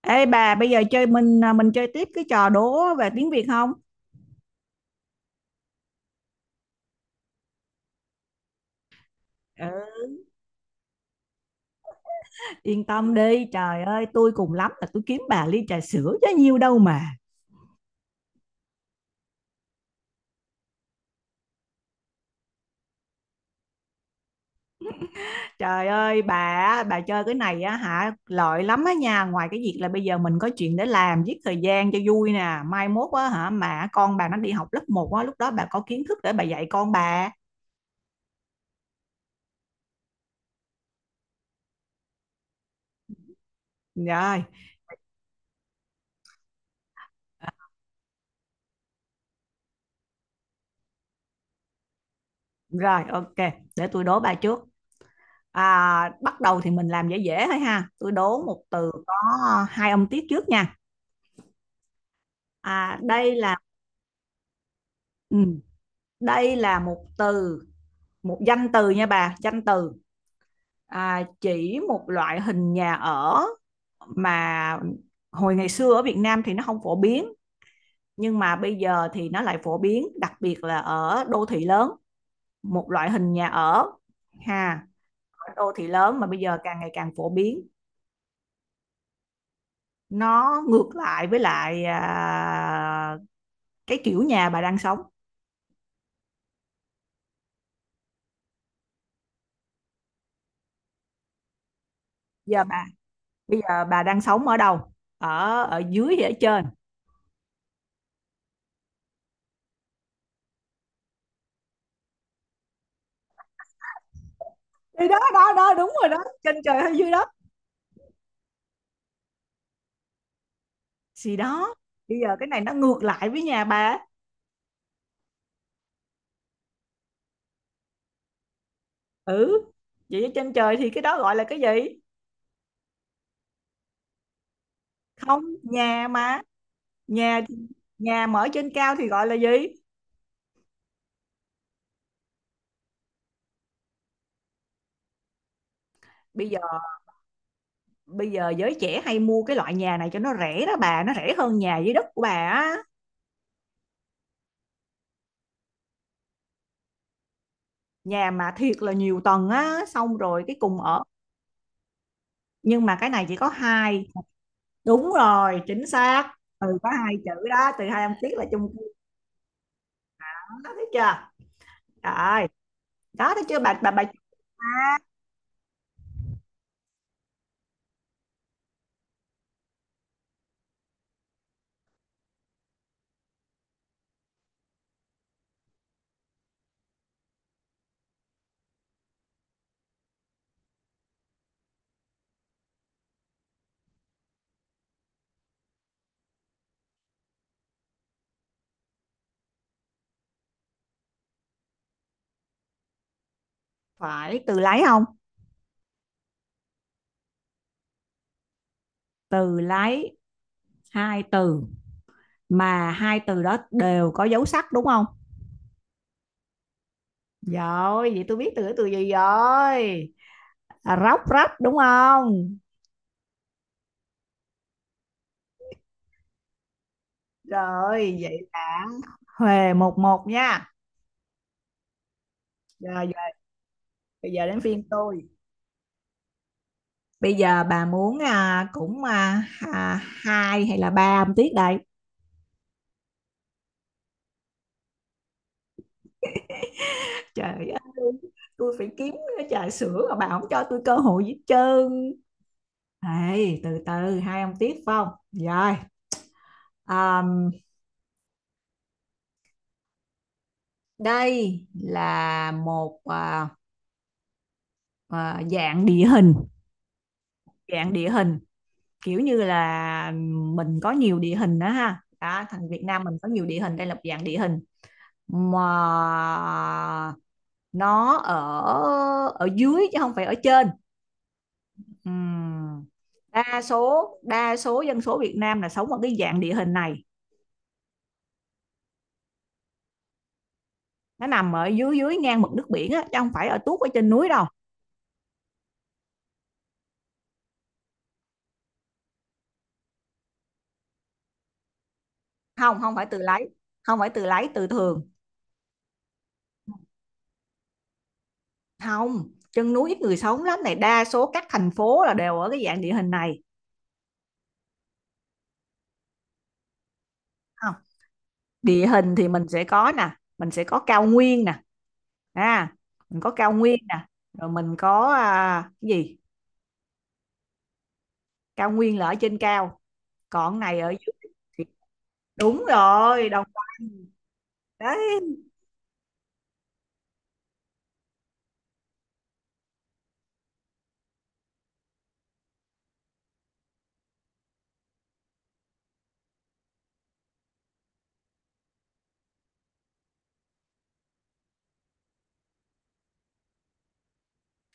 Ê bà, bây giờ chơi mình à, mình chơi tiếp cái trò đố về tiếng Việt không? Ừ. Yên tâm đi, trời ơi, tôi cùng lắm là tôi kiếm bà ly trà sữa chứ nhiêu đâu mà. Trời ơi, bà á, bà chơi cái này á hả, lợi lắm á nha, ngoài cái việc là bây giờ mình có chuyện để làm, giết thời gian cho vui nè, mai mốt á hả mà con bà nó đi học lớp một á, lúc đó bà có kiến thức để bà dạy con bà. Rồi, rồi ok, để tôi đố bà trước. À, bắt đầu thì mình làm dễ dễ thôi ha. Tôi đố một từ có hai âm tiết trước nha. À, đây là ừ, đây là một từ, một danh từ nha bà, danh từ. À, chỉ một loại hình nhà ở mà hồi ngày xưa ở Việt Nam thì nó không phổ biến, nhưng mà bây giờ thì nó lại phổ biến, đặc biệt là ở đô thị lớn, một loại hình nhà ở ha, ở đô thị lớn mà bây giờ càng ngày càng phổ biến. Nó ngược lại với lại à, cái kiểu nhà bà đang sống. Giờ bà bây giờ bà đang sống ở đâu, ở ở dưới hay ở trên? Thì đó đó đó đúng rồi đó, trên trời hay dưới đất gì đó. Bây giờ cái này nó ngược lại với nhà bà. Ừ, vậy ở trên trời thì cái đó gọi là cái gì? Không, nhà mà, nhà nhà mở trên cao thì gọi là gì? bây giờ Bây giờ giới trẻ hay mua cái loại nhà này cho nó rẻ đó bà, nó rẻ hơn nhà dưới đất của bà á, nhà mà thiệt là nhiều tầng á xong rồi cái cùng ở, nhưng mà cái này chỉ có hai. Đúng rồi, chính xác. Từ có hai chữ đó, từ hai âm tiết là chung cư. Đó, thấy chưa? Rồi, đó thấy chưa bà. Phải từ lấy không? Từ lấy hai từ, mà hai từ đó đều có dấu sắc đúng không? Rồi, vậy tôi biết từ từ gì rồi. À, róc rách đúng không? Rồi, vậy là huề một một nha. Rồi, giờ, bây giờ đến phiên tôi. Bây giờ bà muốn à, cũng à, à, hai hay là ba âm tiết đây? Trời ơi, tôi phải kiếm cái trà sữa mà bà không cho tôi cơ hội gì hết trơn. Hey, từ từ, hai ông tiếp phải không? Rồi, um, đây là một à, à, dạng địa hình kiểu như là mình có nhiều địa hình đó ha. Đó, thằng Việt Nam mình có nhiều địa hình, đây là một dạng địa hình mà nó ở ở dưới chứ không phải ở trên. Ừm. Đa số dân số Việt Nam là sống ở cái dạng địa hình này, nó nằm ở dưới dưới ngang mực nước biển á chứ không phải ở tuốt ở trên núi đâu. Không, không phải từ lấy, không phải từ lấy, từ thường. Không, chân núi ít người sống lắm, này đa số các thành phố là đều ở cái dạng địa hình này. Không, địa hình thì mình sẽ có nè, mình sẽ có cao nguyên nè, à mình có cao nguyên nè, rồi mình có à, cái gì, cao nguyên là ở trên cao, còn này ở dưới. Đúng rồi, đồng. Đấy.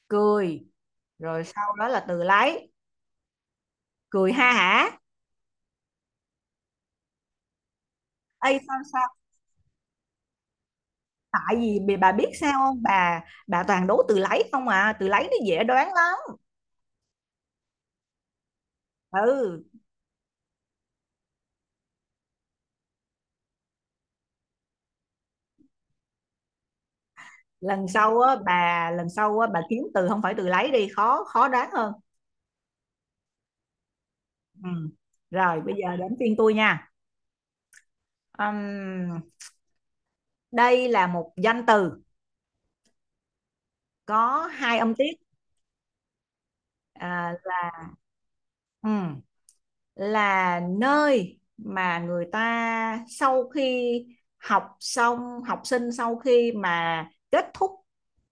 Cười, rồi sau đó là từ lấy. Cười ha hả. Ê, sao sao? Bà biết sao không bà, bà toàn đố từ lấy không à, từ lấy nó dễ đoán lắm. Ừ, lần sau á bà, lần sau á bà kiếm từ không phải từ lấy đi, khó khó đoán hơn. Ừ. Rồi bây giờ đến phiên tôi nha. Ừm, đây là một danh từ có hai âm tiết, à, ừ, là nơi mà người ta sau khi học xong, học sinh sau khi mà kết thúc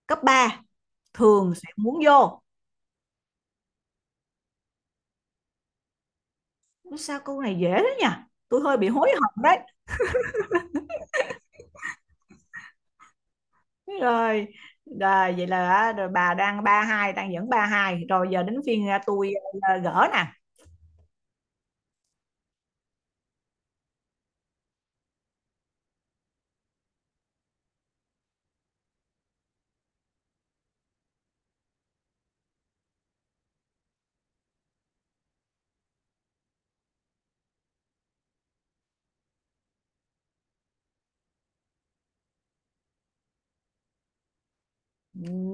cấp 3 thường sẽ muốn vô. Sao câu này dễ thế nhỉ, tôi hơi bị hối hận đấy. Rồi, rồi vậy là, rồi bà đang ba hai, đang dẫn ba hai rồi, giờ đến phiên à, tôi ờ, gỡ nè.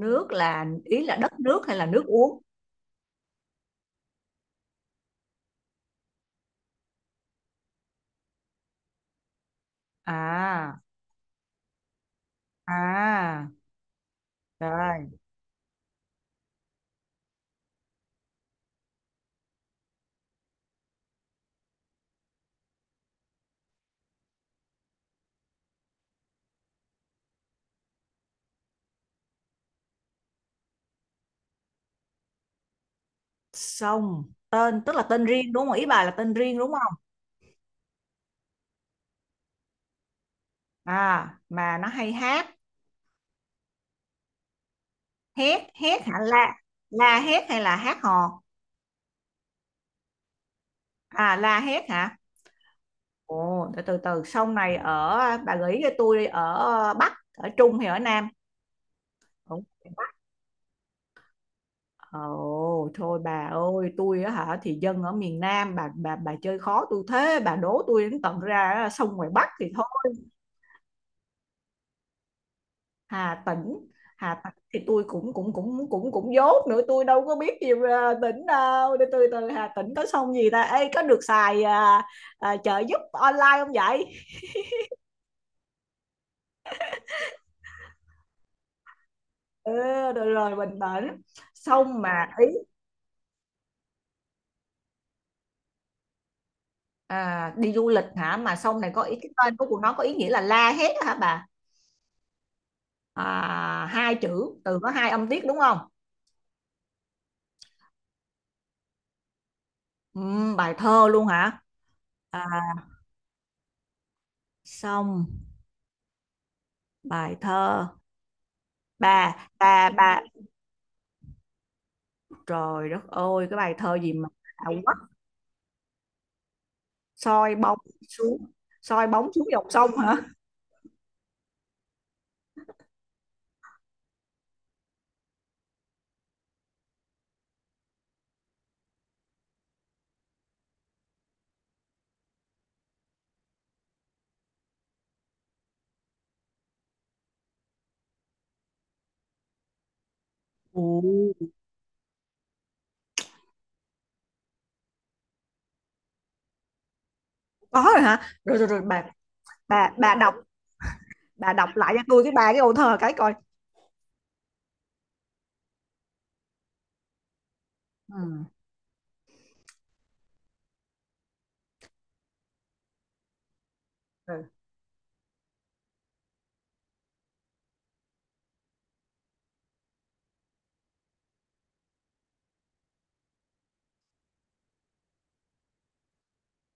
Nước là ý là đất nước hay là nước uống? À, à, rồi sông. Tên tức là tên riêng đúng không, ý bà là tên riêng đúng? À, mà nó hay hát? Hét hét hả, la? La hét hay là hát hò? À, la hét hả? Ồ, từ từ từ sông này ở, bà gợi ý cho tôi đi, ở Bắc ở Trung hay ở Nam? Ủa, ồ, thôi bà ơi, tôi á hả thì dân ở miền Nam, bà chơi khó tôi thế, bà đố tôi đến tận ra sông ngoài Bắc thì thôi. Hà Tĩnh, Hà Tĩnh thì tôi cũng cũng cũng cũng cũng dốt nữa, tôi đâu có biết gì về tỉnh đâu, để từ từ Hà Tĩnh có sông gì ta. Ê, có được xài à, à, trợ giúp online không vậy? Ừ, rồi rồi bình tĩnh. Sông mà ý, à, đi du lịch hả, mà sông này có ý cái tên của nó có ý nghĩa là la hét á hả bà? À, hai chữ, từ có hai âm tiết đúng không? Bài thơ luôn hả? À, sông, bài thơ, bà. Trời đất ơi, cái bài thơ gì mà à, quất, soi bóng xuống, soi bóng xuống dòng sông hả? Ồ, có rồi hả? Rồi rồi rồi bà, bà đọc, bà đọc lại cho tôi cái bài cái ô thơ cái coi. Ừ. Rồi.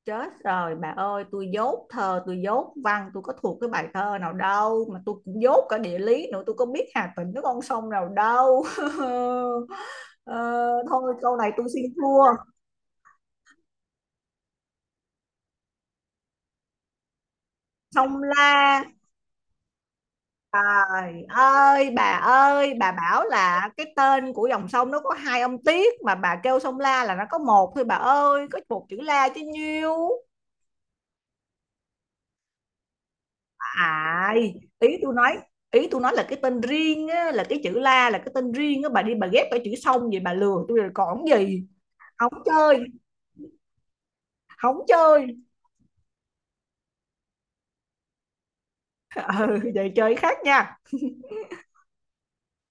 Chết rồi bà ơi, tôi dốt thơ, tôi dốt văn, tôi có thuộc cái bài thơ nào đâu, mà tôi cũng dốt cả địa lý nữa, tôi có biết Hà Tĩnh nó con sông nào đâu. Ờ, thôi câu này tôi xin thua. Sông La. Trời ơi bà ơi, bà bảo là cái tên của dòng sông nó có hai ông Tiết, mà bà kêu sông La là nó có một thôi bà ơi, có một chữ La chứ nhiêu. À, ý tôi nói, ý tôi nói là cái tên riêng á, là cái chữ La là cái tên riêng á, bà đi bà ghép cái chữ sông, vậy bà lừa tôi rồi còn gì. Không chơi, không chơi. Ừ, vậy chơi khác nha.